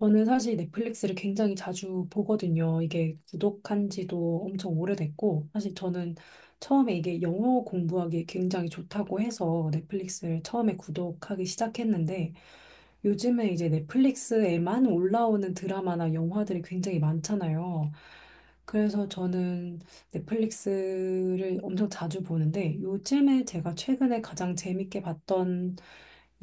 저는 사실 넷플릭스를 굉장히 자주 보거든요. 이게 구독한 지도 엄청 오래됐고, 사실 저는 처음에 이게 영어 공부하기 굉장히 좋다고 해서 넷플릭스를 처음에 구독하기 시작했는데, 요즘에 이제 넷플릭스에만 올라오는 드라마나 영화들이 굉장히 많잖아요. 그래서 저는 넷플릭스를 엄청 자주 보는데 요즘에 제가 최근에 가장 재밌게 봤던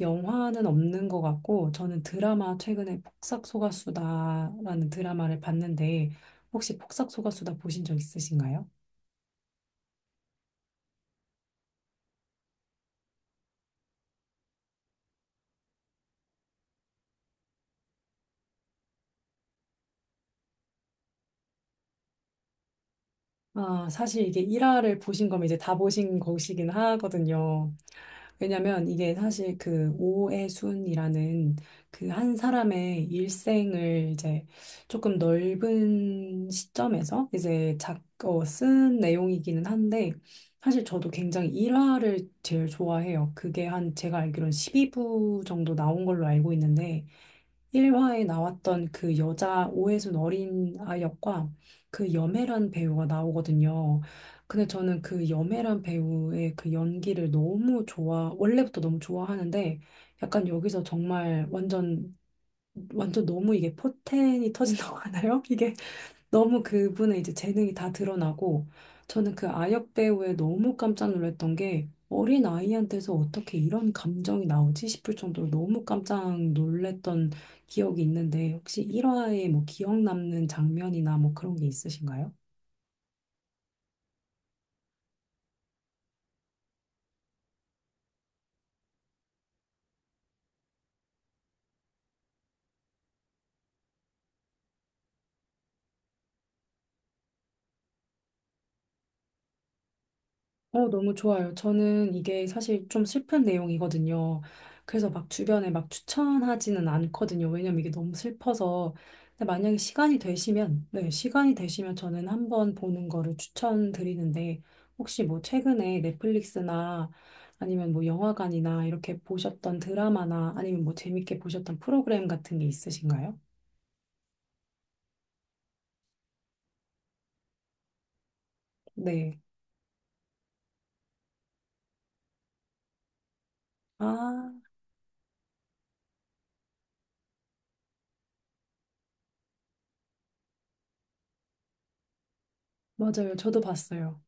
영화는 없는 것 같고 저는 드라마 최근에 폭삭소가수다라는 드라마를 봤는데 혹시 폭삭소가수다 보신 적 있으신가요? 아, 사실 이게 1화를 보신 거면 이제 다 보신 것이긴 하거든요. 왜냐면 이게 사실 그 오해순이라는 그 한 사람의 일생을 이제 조금 넓은 시점에서 이제 쓴 내용이기는 한데 사실 저도 굉장히 일화를 제일 좋아해요. 그게 한 제가 알기로는 12부 정도 나온 걸로 알고 있는데 1화에 나왔던 그 여자 오해순 어린 아 역과 그 염혜란 배우가 나오거든요. 근데 저는 그 염혜란 배우의 그 연기를 원래부터 너무 좋아하는데 약간 여기서 정말 완전, 완전 너무 이게 포텐이 터진다고 하나요? 이게 너무 그분의 이제 재능이 다 드러나고 저는 그 아역 배우에 너무 깜짝 놀랐던 게 어린 아이한테서 어떻게 이런 감정이 나오지 싶을 정도로 너무 깜짝 놀랐던 기억이 있는데 혹시 1화에 뭐 기억 남는 장면이나 뭐 그런 게 있으신가요? 너무 좋아요. 저는 이게 사실 좀 슬픈 내용이거든요. 그래서 막 주변에 막 추천하지는 않거든요. 왜냐면 이게 너무 슬퍼서. 근데 만약에 시간이 되시면, 네, 시간이 되시면 저는 한번 보는 거를 추천드리는데, 혹시 뭐 최근에 넷플릭스나 아니면 뭐 영화관이나 이렇게 보셨던 드라마나 아니면 뭐 재밌게 보셨던 프로그램 같은 게 있으신가요? 네. 아, 맞아요. 저도 봤어요.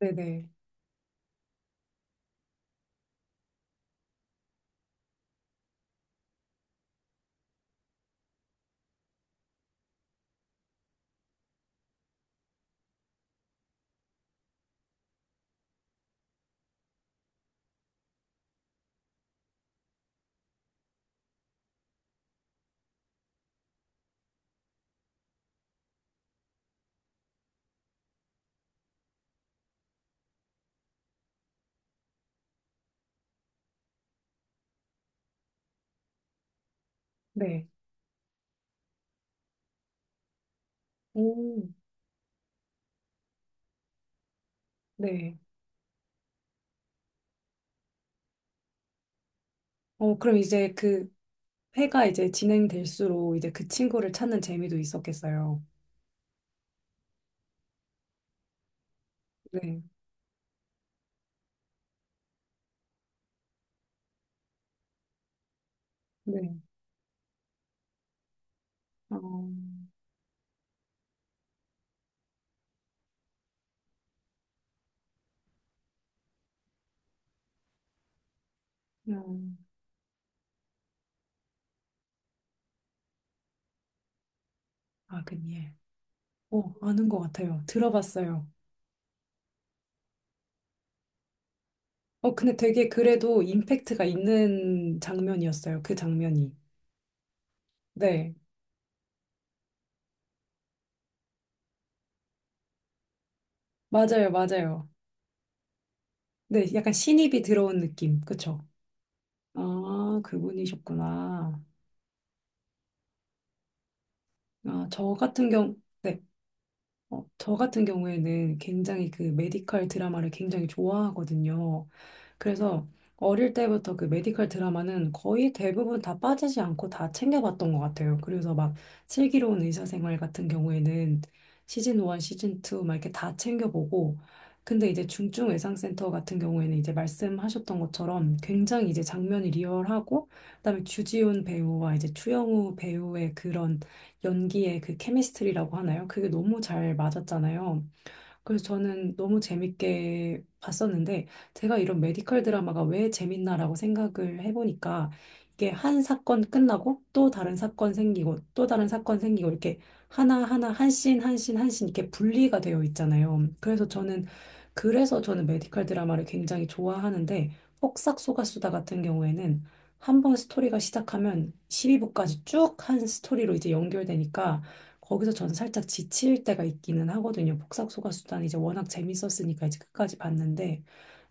네네. 네. 오, 네. 그럼 이제 그 회가 이제 진행될수록 이제 그 친구를 찾는 재미도 있었겠어요. 네, 네. 어, 음, 아그니엘. 아는 것 같아요. 들어봤어요. 근데 되게 그래도 임팩트가 있는 장면이었어요. 그 장면이. 네, 맞아요, 맞아요. 네, 약간 신입이 들어온 느낌. 그쵸? 아, 그분이셨구나. 아, 저 같은 경우, 네. 저 같은 경우에는 굉장히 그 메디컬 드라마를 굉장히 좋아하거든요. 그래서 어릴 때부터 그 메디컬 드라마는 거의 대부분 다 빠지지 않고 다 챙겨봤던 것 같아요. 그래서 막 슬기로운 의사생활 같은 경우에는 시즌 1, 시즌 2 막 이렇게 다 챙겨보고 근데 이제 중증외상센터 같은 경우에는 이제 말씀하셨던 것처럼 굉장히 이제 장면이 리얼하고 그다음에 주지훈 배우와 이제 추영우 배우의 그런 연기의 그 케미스트리라고 하나요? 그게 너무 잘 맞았잖아요. 그래서 저는 너무 재밌게 봤었는데, 제가 이런 메디컬 드라마가 왜 재밌나라고 생각을 해보니까, 이게 한 사건 끝나고 또 다른 사건 생기고 또 다른 사건 생기고 이렇게 하나하나 한 씬, 한 씬, 한 씬 이렇게 분리가 되어 있잖아요. 그래서 저는 메디컬 드라마를 굉장히 좋아하는데, 폭삭소가수다 같은 경우에는 한번 스토리가 시작하면 12부까지 쭉 한 스토리로 이제 연결되니까, 거기서 전 살짝 지칠 때가 있기는 하거든요. 복사소가 수단 이제 워낙 재밌었으니까 이제 끝까지 봤는데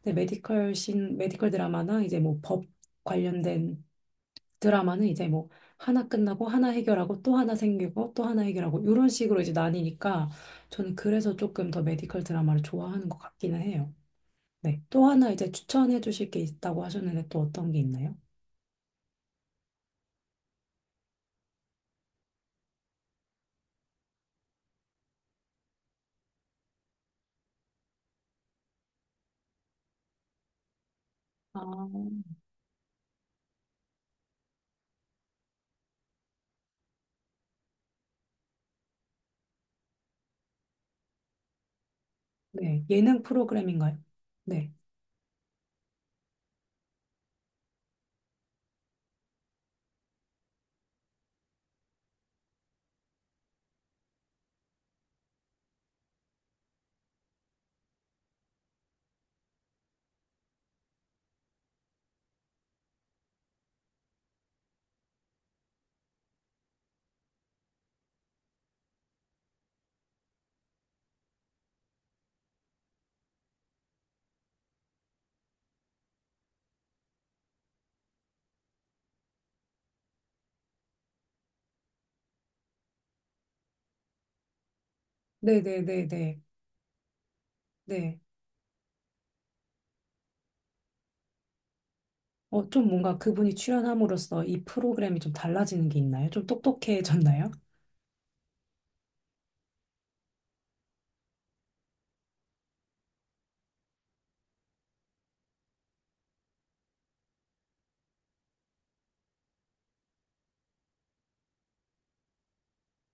근데 메디컬 드라마나 이제 뭐 법 관련된 드라마는 이제 뭐 하나 끝나고 하나 해결하고 또 하나 생기고 또 하나 해결하고 이런 식으로 이제 나뉘니까 저는 그래서 조금 더 메디컬 드라마를 좋아하는 것 같기는 해요. 네. 또 하나 이제 추천해 주실 게 있다고 하셨는데 또 어떤 게 있나요? 아, 네. 예능 프로그램인가요? 네. 네네네네. 네. 좀 뭔가 그분이 출연함으로써 이 프로그램이 좀 달라지는 게 있나요? 좀 똑똑해졌나요?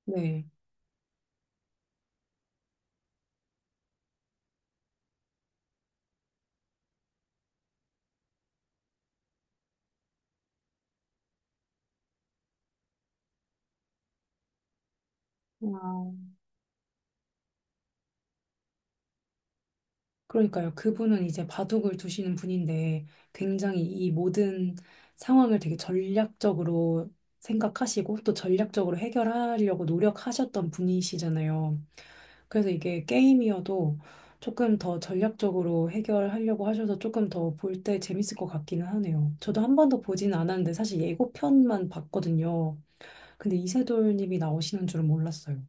네. 와, 그러니까요. 그분은 이제 바둑을 두시는 분인데 굉장히 이 모든 상황을 되게 전략적으로 생각하시고 또 전략적으로 해결하려고 노력하셨던 분이시잖아요. 그래서 이게 게임이어도 조금 더 전략적으로 해결하려고 하셔서 조금 더 볼 때 재밌을 것 같기는 하네요. 저도 한 번도 보진 않았는데 사실 예고편만 봤거든요. 근데 이세돌님이 나오시는 줄은 몰랐어요.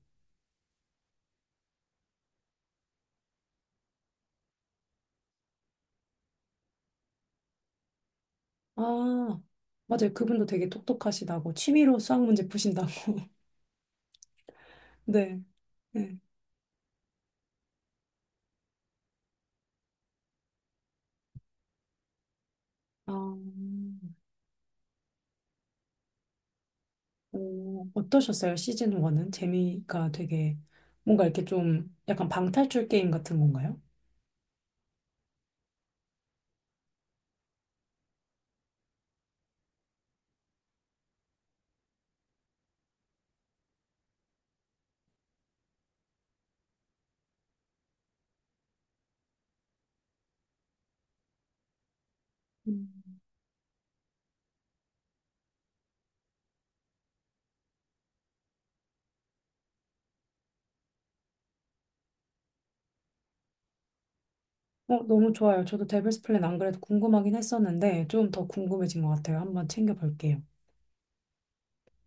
아, 맞아요. 그분도 되게 똑똑하시다고 취미로 수학 문제 푸신다고. 네. 네. 아, 어떠셨어요? 시즌 1은 재미가 되게 뭔가 이렇게 좀 약간 방탈출 게임 같은 건가요? 음. 너무 좋아요. 저도 데빌스 플랜 안 그래도 궁금하긴 했었는데 좀 더 궁금해진 것 같아요. 한번 챙겨볼게요.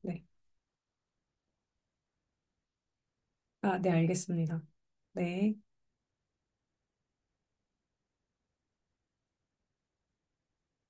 네. 아, 네, 알겠습니다. 네.